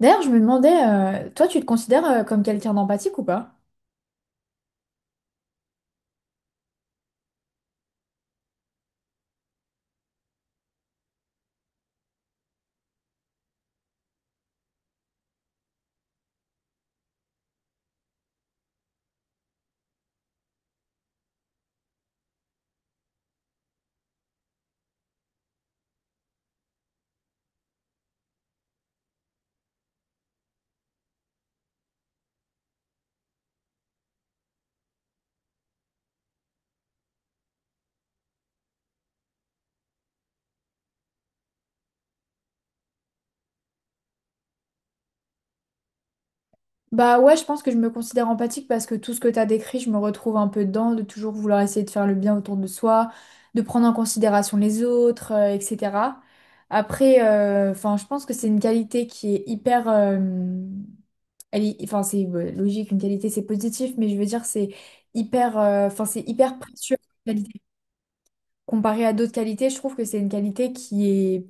D'ailleurs, je me demandais, toi, tu te considères comme quelqu'un d'empathique ou pas? Bah ouais, je pense que je me considère empathique parce que tout ce que t'as décrit, je me retrouve un peu dedans, de toujours vouloir essayer de faire le bien autour de soi, de prendre en considération les autres, etc. Après, je pense que c'est une qualité qui est hyper, c'est logique, une qualité c'est positif, mais je veux dire c'est hyper, c'est hyper précieux comparé à d'autres qualités, je trouve que c'est une qualité qui est...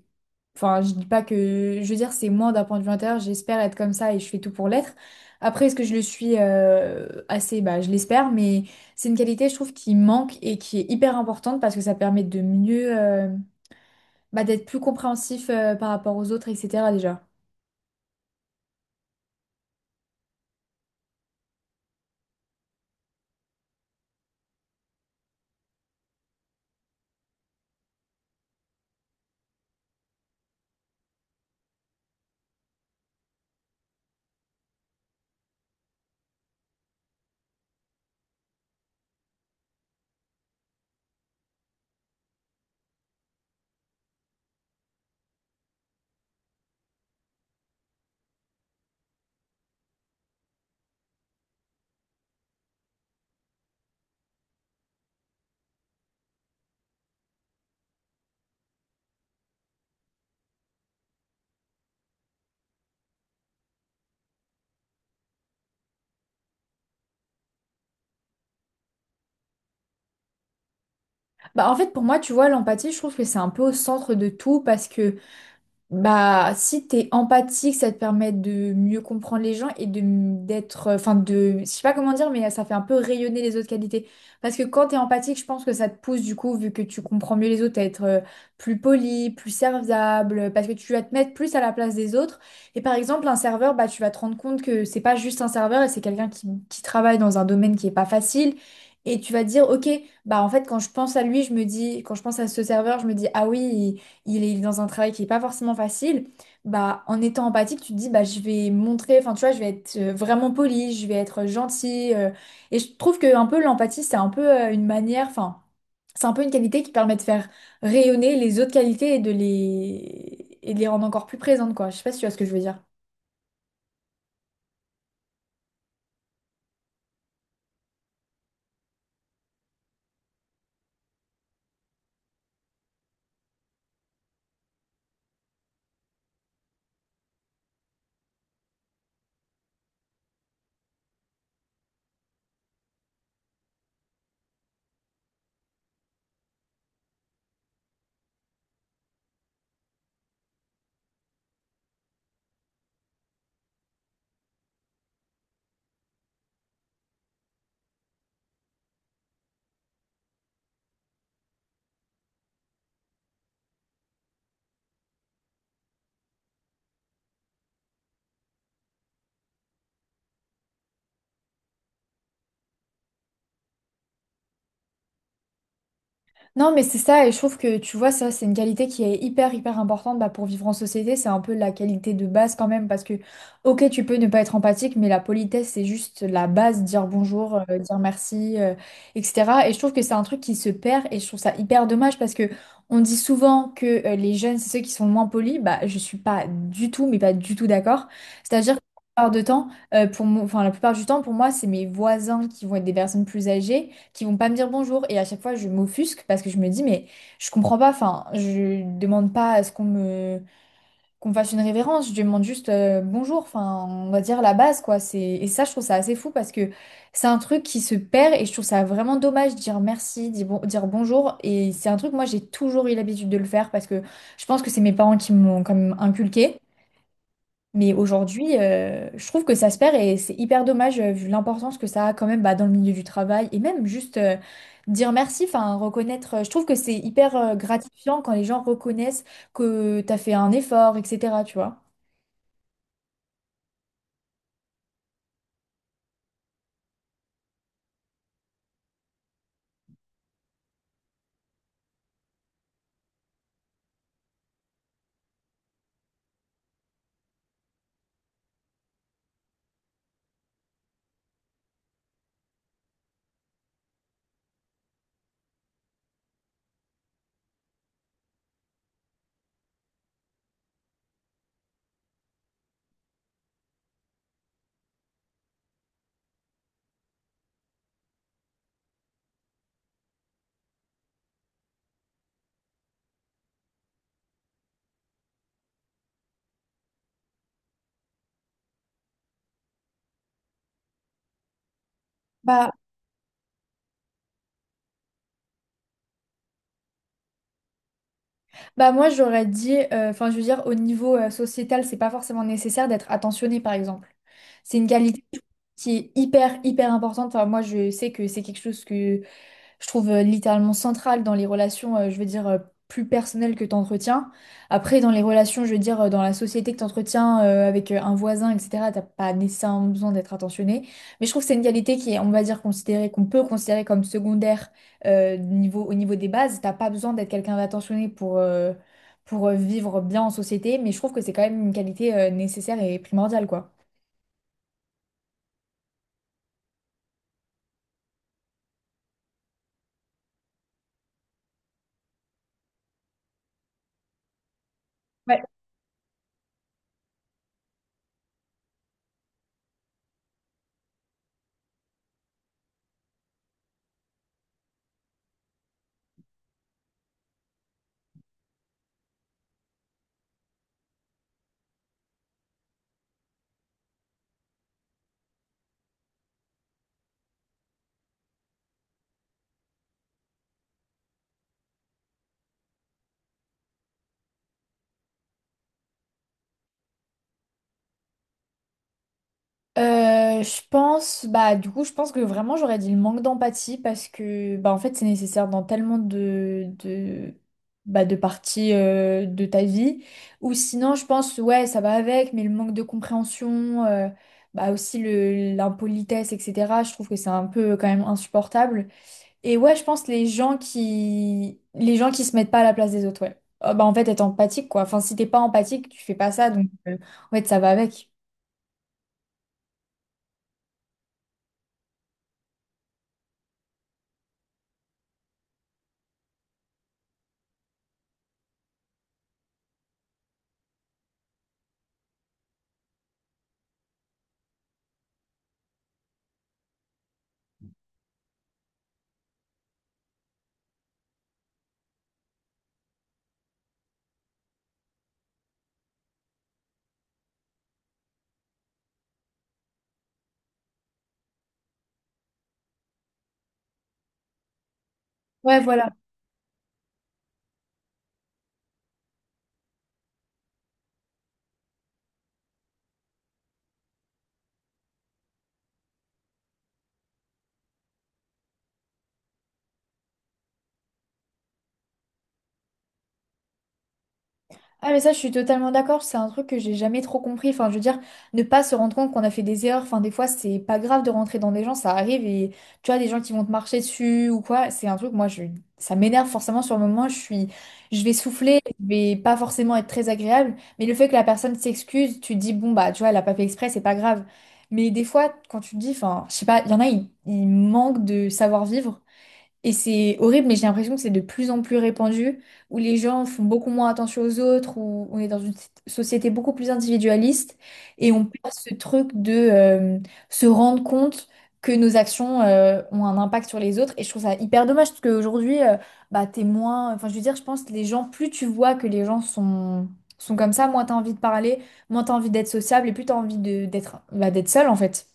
Enfin, je dis pas que... Je veux dire, c'est moi d'un point de vue intérieur, j'espère être comme ça et je fais tout pour l'être. Après, est-ce que je le suis assez? Bah, je l'espère, mais c'est une qualité, je trouve, qui manque et qui est hyper importante parce que ça permet de mieux... bah, d'être plus compréhensif par rapport aux autres, etc. déjà. Bah en fait pour moi tu vois l'empathie je trouve que c'est un peu au centre de tout parce que bah, si t'es empathique, ça te permet de mieux comprendre les gens et d'être, je sais pas comment dire, mais ça fait un peu rayonner les autres qualités. Parce que quand t'es empathique, je pense que ça te pousse du coup, vu que tu comprends mieux les autres, à être plus poli, plus serviable, parce que tu vas te mettre plus à la place des autres. Et par exemple, un serveur, bah tu vas te rendre compte que c'est pas juste un serveur, et c'est quelqu'un qui travaille dans un domaine qui est pas facile. Et tu vas te dire, ok, bah en fait, quand je pense à lui, je me dis, quand je pense à ce serveur, je me dis, ah oui il est dans un travail qui est pas forcément facile, bah en étant empathique, tu te dis bah je vais montrer, enfin tu vois, je vais être vraiment polie, je vais être gentille et je trouve que un peu l'empathie, c'est un peu une manière, enfin, c'est un peu une qualité qui permet de faire rayonner les autres qualités et de les rendre encore plus présentes quoi. Je sais pas si tu vois ce que je veux dire. Non, mais c'est ça, et je trouve que tu vois, ça, c'est une qualité qui est hyper, hyper importante bah, pour vivre en société. C'est un peu la qualité de base quand même, parce que, ok, tu peux ne pas être empathique, mais la politesse, c'est juste la base, dire bonjour, dire merci, etc. Et je trouve que c'est un truc qui se perd, et je trouve ça hyper dommage, parce que on dit souvent que les jeunes, c'est ceux qui sont moins polis. Bah, je suis pas du tout, mais pas du tout d'accord. C'est-à-dire que la plupart de temps, la plupart du temps, pour moi, c'est mes voisins qui vont être des personnes plus âgées qui vont pas me dire bonjour et à chaque fois je m'offusque parce que je me dis mais je comprends pas enfin je demande pas à ce qu'on me fasse une révérence je demande juste bonjour enfin on va dire la base quoi c'est et ça je trouve ça assez fou parce que c'est un truc qui se perd et je trouve ça vraiment dommage de dire merci dire, dire bonjour et c'est un truc moi j'ai toujours eu l'habitude de le faire parce que je pense que c'est mes parents qui me l'ont quand même inculqué mais aujourd'hui, je trouve que ça se perd et c'est hyper dommage vu l'importance que ça a quand même bah, dans le milieu du travail et même juste dire merci, enfin reconnaître. Je trouve que c'est hyper gratifiant quand les gens reconnaissent que tu as fait un effort, etc. Tu vois. Bah, bah moi j'aurais dit, je veux dire au niveau sociétal, c'est pas forcément nécessaire d'être attentionné par exemple. C'est une qualité qui est hyper hyper importante. Enfin, moi je sais que c'est quelque chose que je trouve littéralement centrale dans les relations, plus personnelles que tu entretiens. Après, dans les relations, je veux dire, dans la société que tu entretiens avec un voisin, etc., t'as pas nécessairement besoin d'être attentionné. Mais je trouve que c'est une qualité qui est, on va dire, considérée, qu'on peut considérer comme secondaire au niveau des bases. T'as pas besoin d'être quelqu'un d'attentionné pour, vivre bien en société, mais je trouve que c'est quand même une qualité nécessaire et primordiale, quoi. Ouais. Je pense, bah du coup, je pense que vraiment j'aurais dit le manque d'empathie parce que bah en fait c'est nécessaire dans tellement de bah de parties de ta vie. Ou sinon, je pense ouais ça va avec, mais le manque de compréhension, bah aussi le l'impolitesse, etc. Je trouve que c'est un peu quand même insupportable. Et ouais, je pense les gens qui se mettent pas à la place des autres, ouais. Bah en fait être empathique quoi. Enfin si t'es pas empathique, tu fais pas ça, donc en fait ça va avec. Ouais, voilà. Ah mais ça je suis totalement d'accord, c'est un truc que j'ai jamais trop compris. Enfin je veux dire, ne pas se rendre compte qu'on a fait des erreurs, enfin des fois c'est pas grave de rentrer dans des gens, ça arrive et tu vois des gens qui vont te marcher dessus ou quoi, c'est un truc moi je ça m'énerve forcément sur le moment, je suis je vais souffler, je vais pas forcément être très agréable, mais le fait que la personne s'excuse, tu te dis bon bah tu vois elle a pas fait exprès, c'est pas grave. Mais des fois quand tu te dis enfin je sais pas, il y en a ils manquent de savoir-vivre et c'est horrible, mais j'ai l'impression que c'est de plus en plus répandu, où les gens font beaucoup moins attention aux autres, où on est dans une société beaucoup plus individualiste, et on perd ce truc de se rendre compte que nos actions ont un impact sur les autres. Et je trouve ça hyper dommage, parce qu'aujourd'hui, bah, t'es moins... Enfin, je veux dire, je pense que les gens, plus tu vois que les gens sont comme ça, moins t'as envie de parler, moins t'as envie d'être sociable, et plus t'as envie de, d'être, bah, d'être seul, en fait.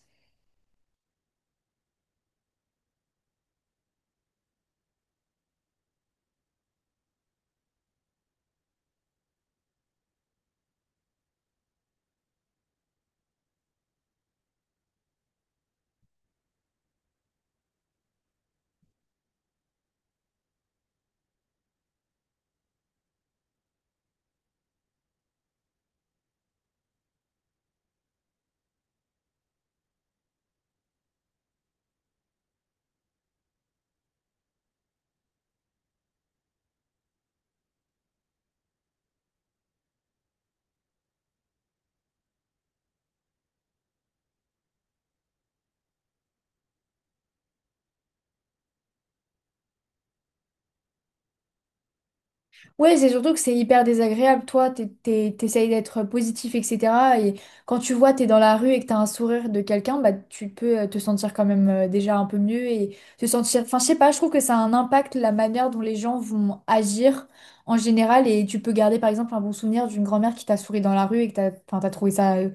Ouais, c'est surtout que c'est hyper désagréable. Toi, t'essayes d'être positif, etc. Et quand tu vois, t'es dans la rue et que t'as un sourire de quelqu'un, bah, tu peux te sentir quand même déjà un peu mieux et te sentir. Enfin, je sais pas, je trouve que ça a un impact la manière dont les gens vont agir en général. Et tu peux garder, par exemple, un bon souvenir d'une grand-mère qui t'a souri dans la rue et que t'as, enfin, t'as trouvé ça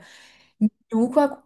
mignon ou quoi.